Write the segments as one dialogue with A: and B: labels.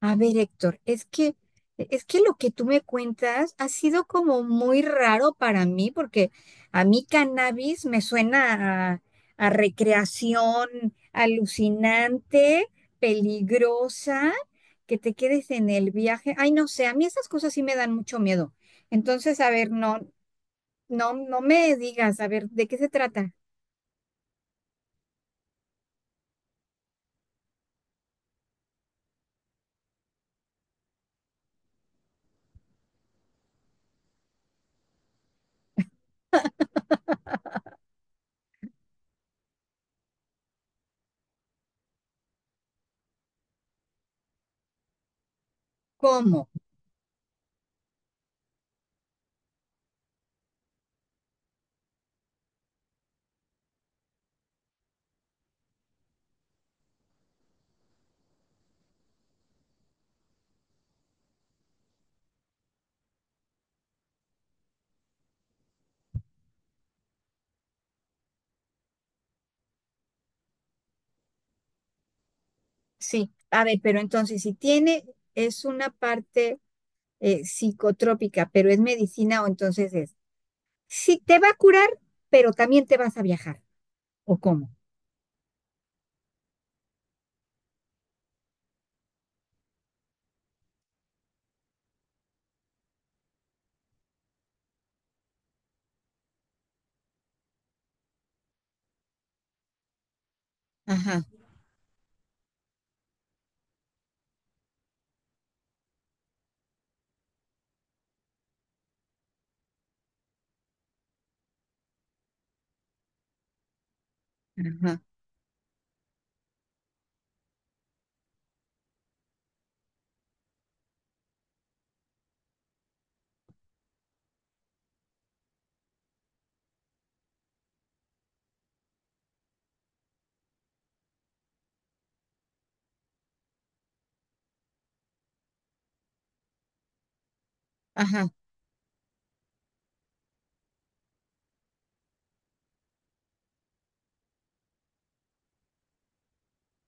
A: A ver, Héctor, es que lo que tú me cuentas ha sido como muy raro para mí, porque a mí cannabis me suena a recreación alucinante, peligrosa, que te quedes en el viaje. Ay, no sé, a mí esas cosas sí me dan mucho miedo. Entonces, a ver, no, no, no me digas, a ver, ¿de qué se trata? ¿Cómo? Sí, a ver, pero entonces, si tiene, es una parte. Psicotrópica, pero es medicina o entonces es, sí, te va a curar, pero también te vas a viajar, ¿o cómo? Ajá, ajá, ajá.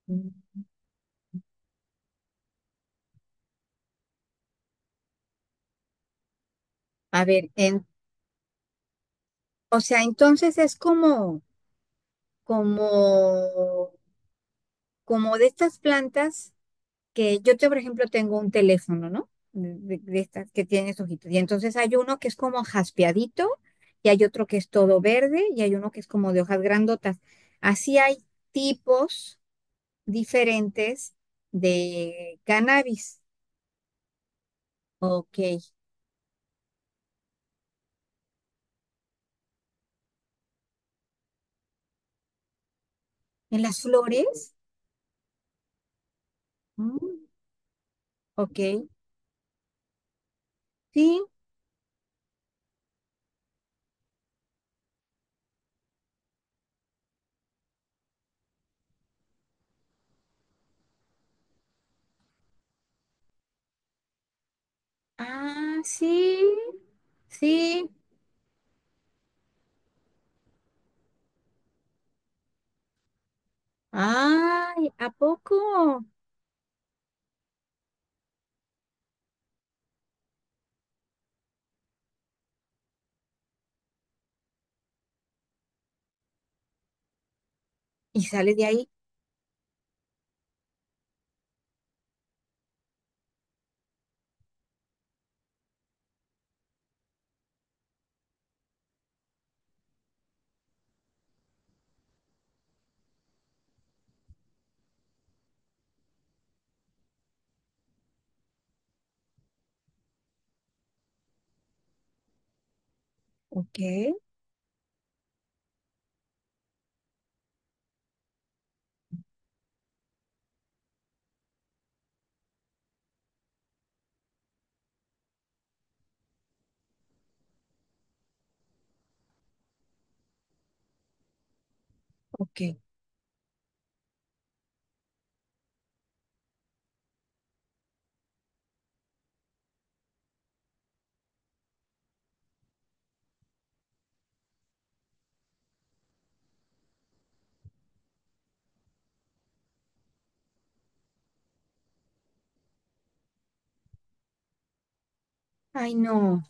A: Mm. A ver, en, o sea, entonces es como, como, como de estas plantas que yo, te, por ejemplo, tengo un teléfono, ¿no? De, de estas que tienes hojitas. Y entonces hay uno que es como jaspeadito, y hay otro que es todo verde, y hay uno que es como de hojas grandotas. Así hay tipos diferentes de cannabis. Ok. ¿En las flores? Mm, ok. Sí. Ah, sí. Sí. Ay, ¿a poco? Y sale de ahí. Ok, ok. Ay, no.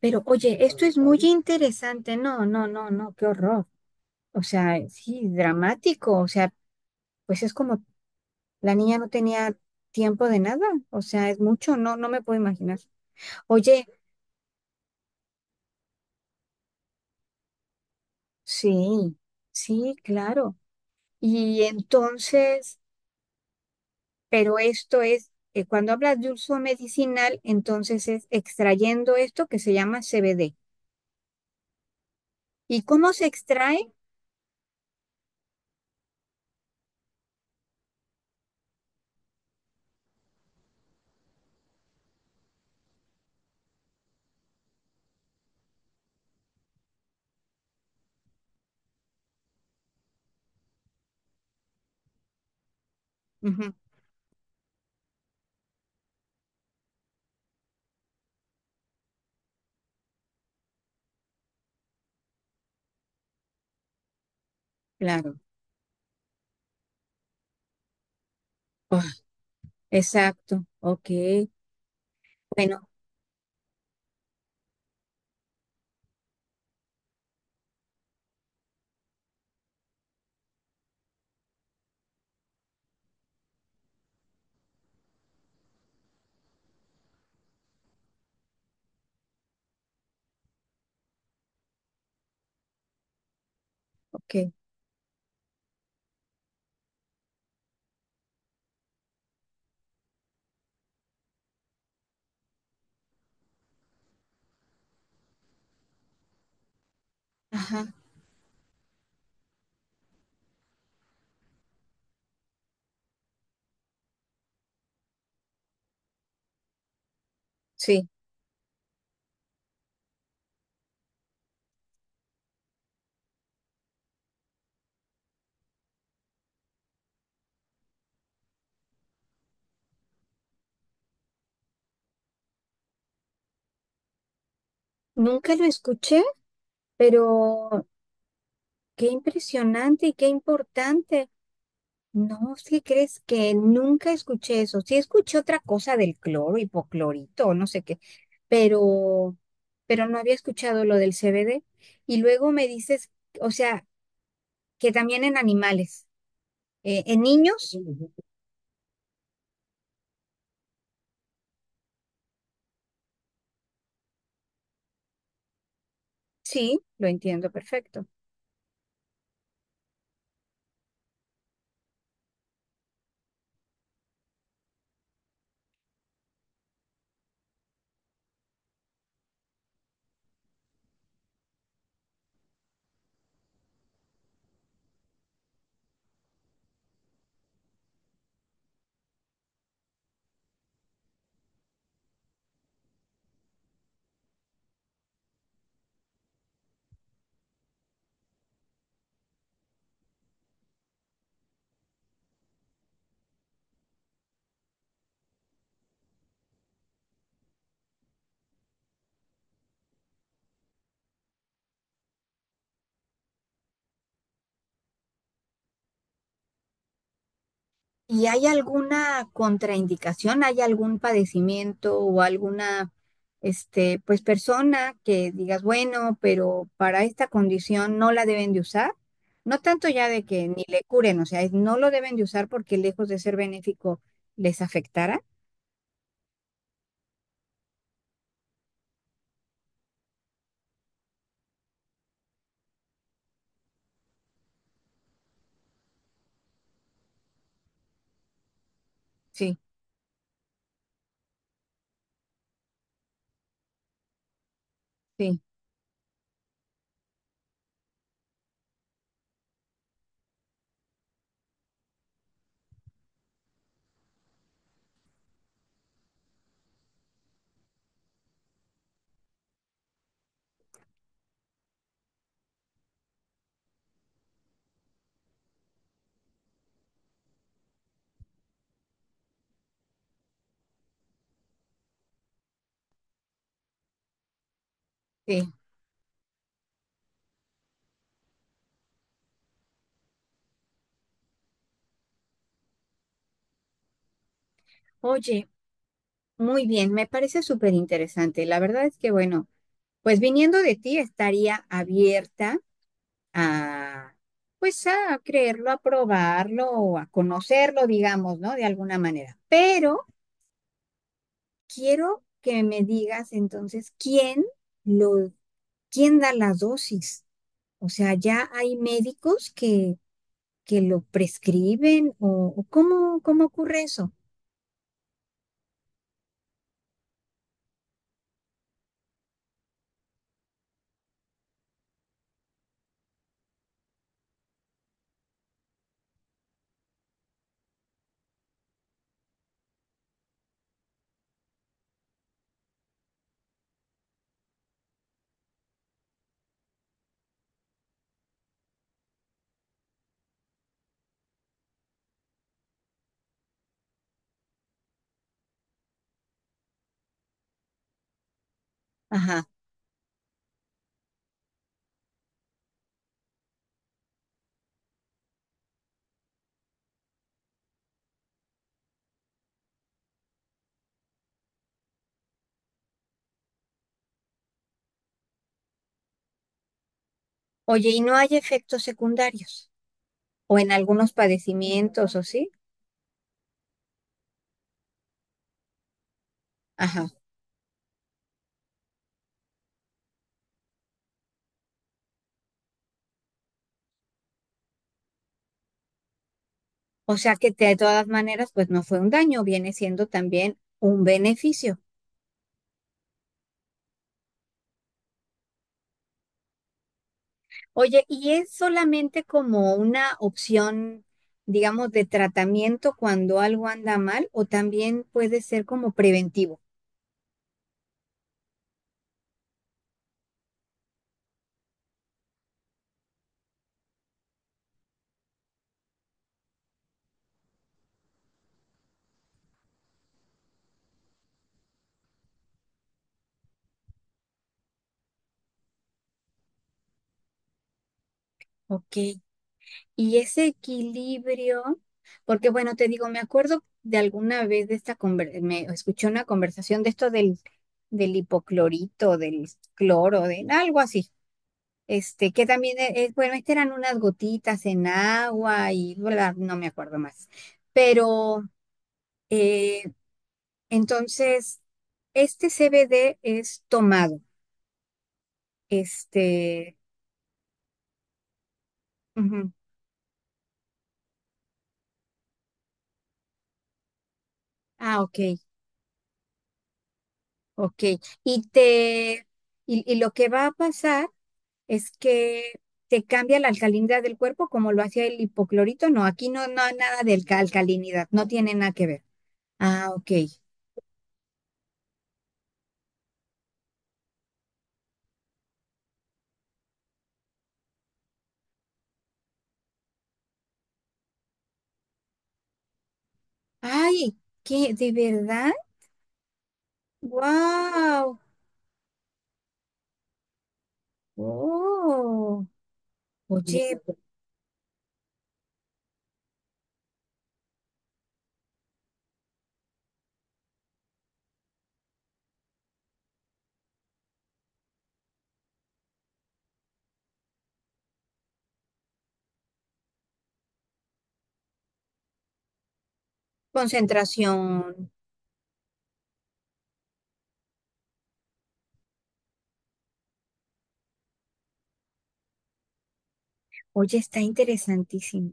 A: Pero oye, esto es muy interesante. No, no, no, no, qué horror. O sea, sí, dramático. O sea, pues es como la niña no tenía tiempo de nada. O sea, es mucho. No, no me puedo imaginar. Oye. Sí, sí, claro. Y entonces, pero esto es, cuando hablas de uso medicinal, entonces es extrayendo esto que se llama CBD. ¿Y cómo se extrae? Ujú, claro. Ah, exacto. Ok. Bueno, ok. Ajá. Sí. Nunca lo escuché, pero qué impresionante y qué importante. No, ¿sí crees que nunca escuché eso? Sí escuché otra cosa del cloro, hipoclorito, no sé qué, pero, pero no había escuchado lo del CBD. Y luego me dices, o sea, que también en animales, en niños, sí, lo entiendo perfecto. ¿Y hay alguna contraindicación? ¿Hay algún padecimiento o alguna, este, pues persona que digas, bueno, pero para esta condición no la deben de usar? No tanto ya de que ni le curen, o sea, es no lo deben de usar porque lejos de ser benéfico les afectará. Sí, sí, sí. Oye, muy bien, me parece súper interesante. La verdad es que, bueno, pues viniendo de ti estaría abierta a, pues a creerlo, a probarlo o a conocerlo, digamos, ¿no? De alguna manera. Pero quiero que me digas entonces quién lo, quién da las dosis. O sea, ya hay médicos que lo prescriben o cómo, cómo ocurre eso. Ajá. Oye, y no hay efectos secundarios o en algunos padecimientos, ¿o sí? Ajá. O sea que de todas maneras, pues no fue un daño, viene siendo también un beneficio. Oye, ¿y es solamente como una opción, digamos, de tratamiento cuando algo anda mal o también puede ser como preventivo? Ok. Y ese equilibrio, porque bueno, te digo, me acuerdo de alguna vez de esta me escuché una conversación de esto del, del hipoclorito, del cloro, de algo así. Este, que también es, bueno, este eran unas gotitas en agua y bla, no me acuerdo más. Pero eh, entonces, este CBD es tomado. Este, ujú. Ah, ok, ok. Y te, y lo que va a pasar es que te cambia la alcalinidad del cuerpo como lo hacía el hipoclorito. No, aquí no, no hay nada de alcalinidad, no tiene nada que ver. Ah, ok. Ay, ¿qué? ¿De verdad? ¡Wow! Oh, oye, concentración. Oye, está interesantísimo.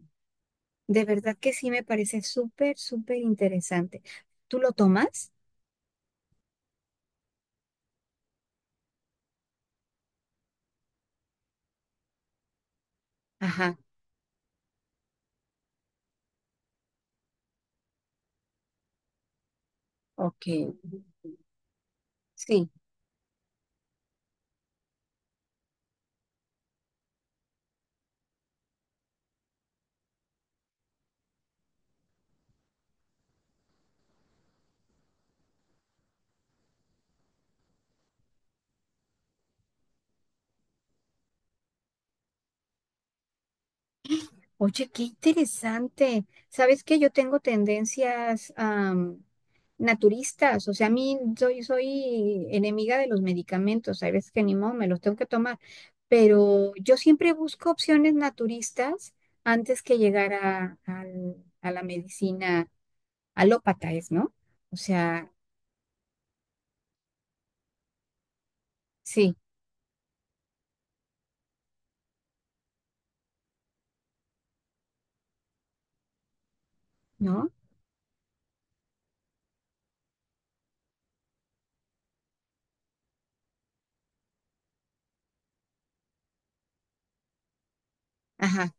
A: De verdad que sí me parece súper, súper interesante. ¿Tú lo tomas? Ajá, ok. Sí. Oye, qué interesante. ¿Sabes que yo tengo tendencias naturistas? O sea, a mí soy, soy enemiga de los medicamentos. Hay veces que ni modo me los tengo que tomar. Pero yo siempre busco opciones naturistas antes que llegar a, a la medicina alópata, ¿es, no? O sea, sí, ¿no? Ajá.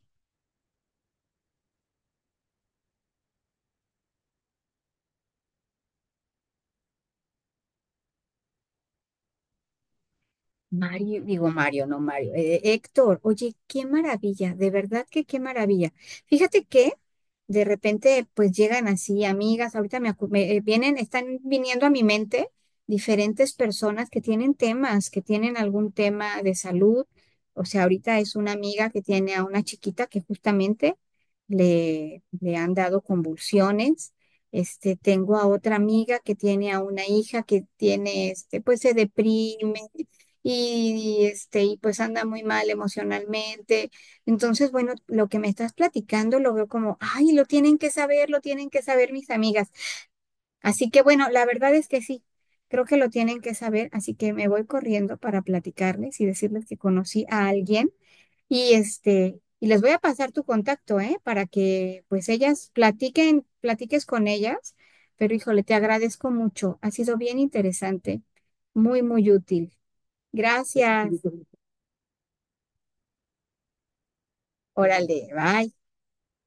A: Mario, digo Mario, no Mario, Héctor, oye, qué maravilla, de verdad que qué maravilla. Fíjate que de repente pues llegan así amigas, ahorita me, vienen, están viniendo a mi mente diferentes personas que tienen temas, que tienen algún tema de salud. O sea, ahorita es una amiga que tiene a una chiquita que justamente le, le han dado convulsiones. Este, tengo a otra amiga que tiene a una hija que tiene, este, pues se deprime y, este, y pues anda muy mal emocionalmente. Entonces, bueno, lo que me estás platicando lo veo como, ay, lo tienen que saber, lo tienen que saber mis amigas. Así que bueno, la verdad es que sí, creo que lo tienen que saber, así que me voy corriendo para platicarles y decirles que conocí a alguien y este, y les voy a pasar tu contacto, ¿eh? Para que pues ellas platiquen, platiques con ellas. Pero híjole, te agradezco mucho. Ha sido bien interesante, muy, muy útil. Gracias. Órale, bye.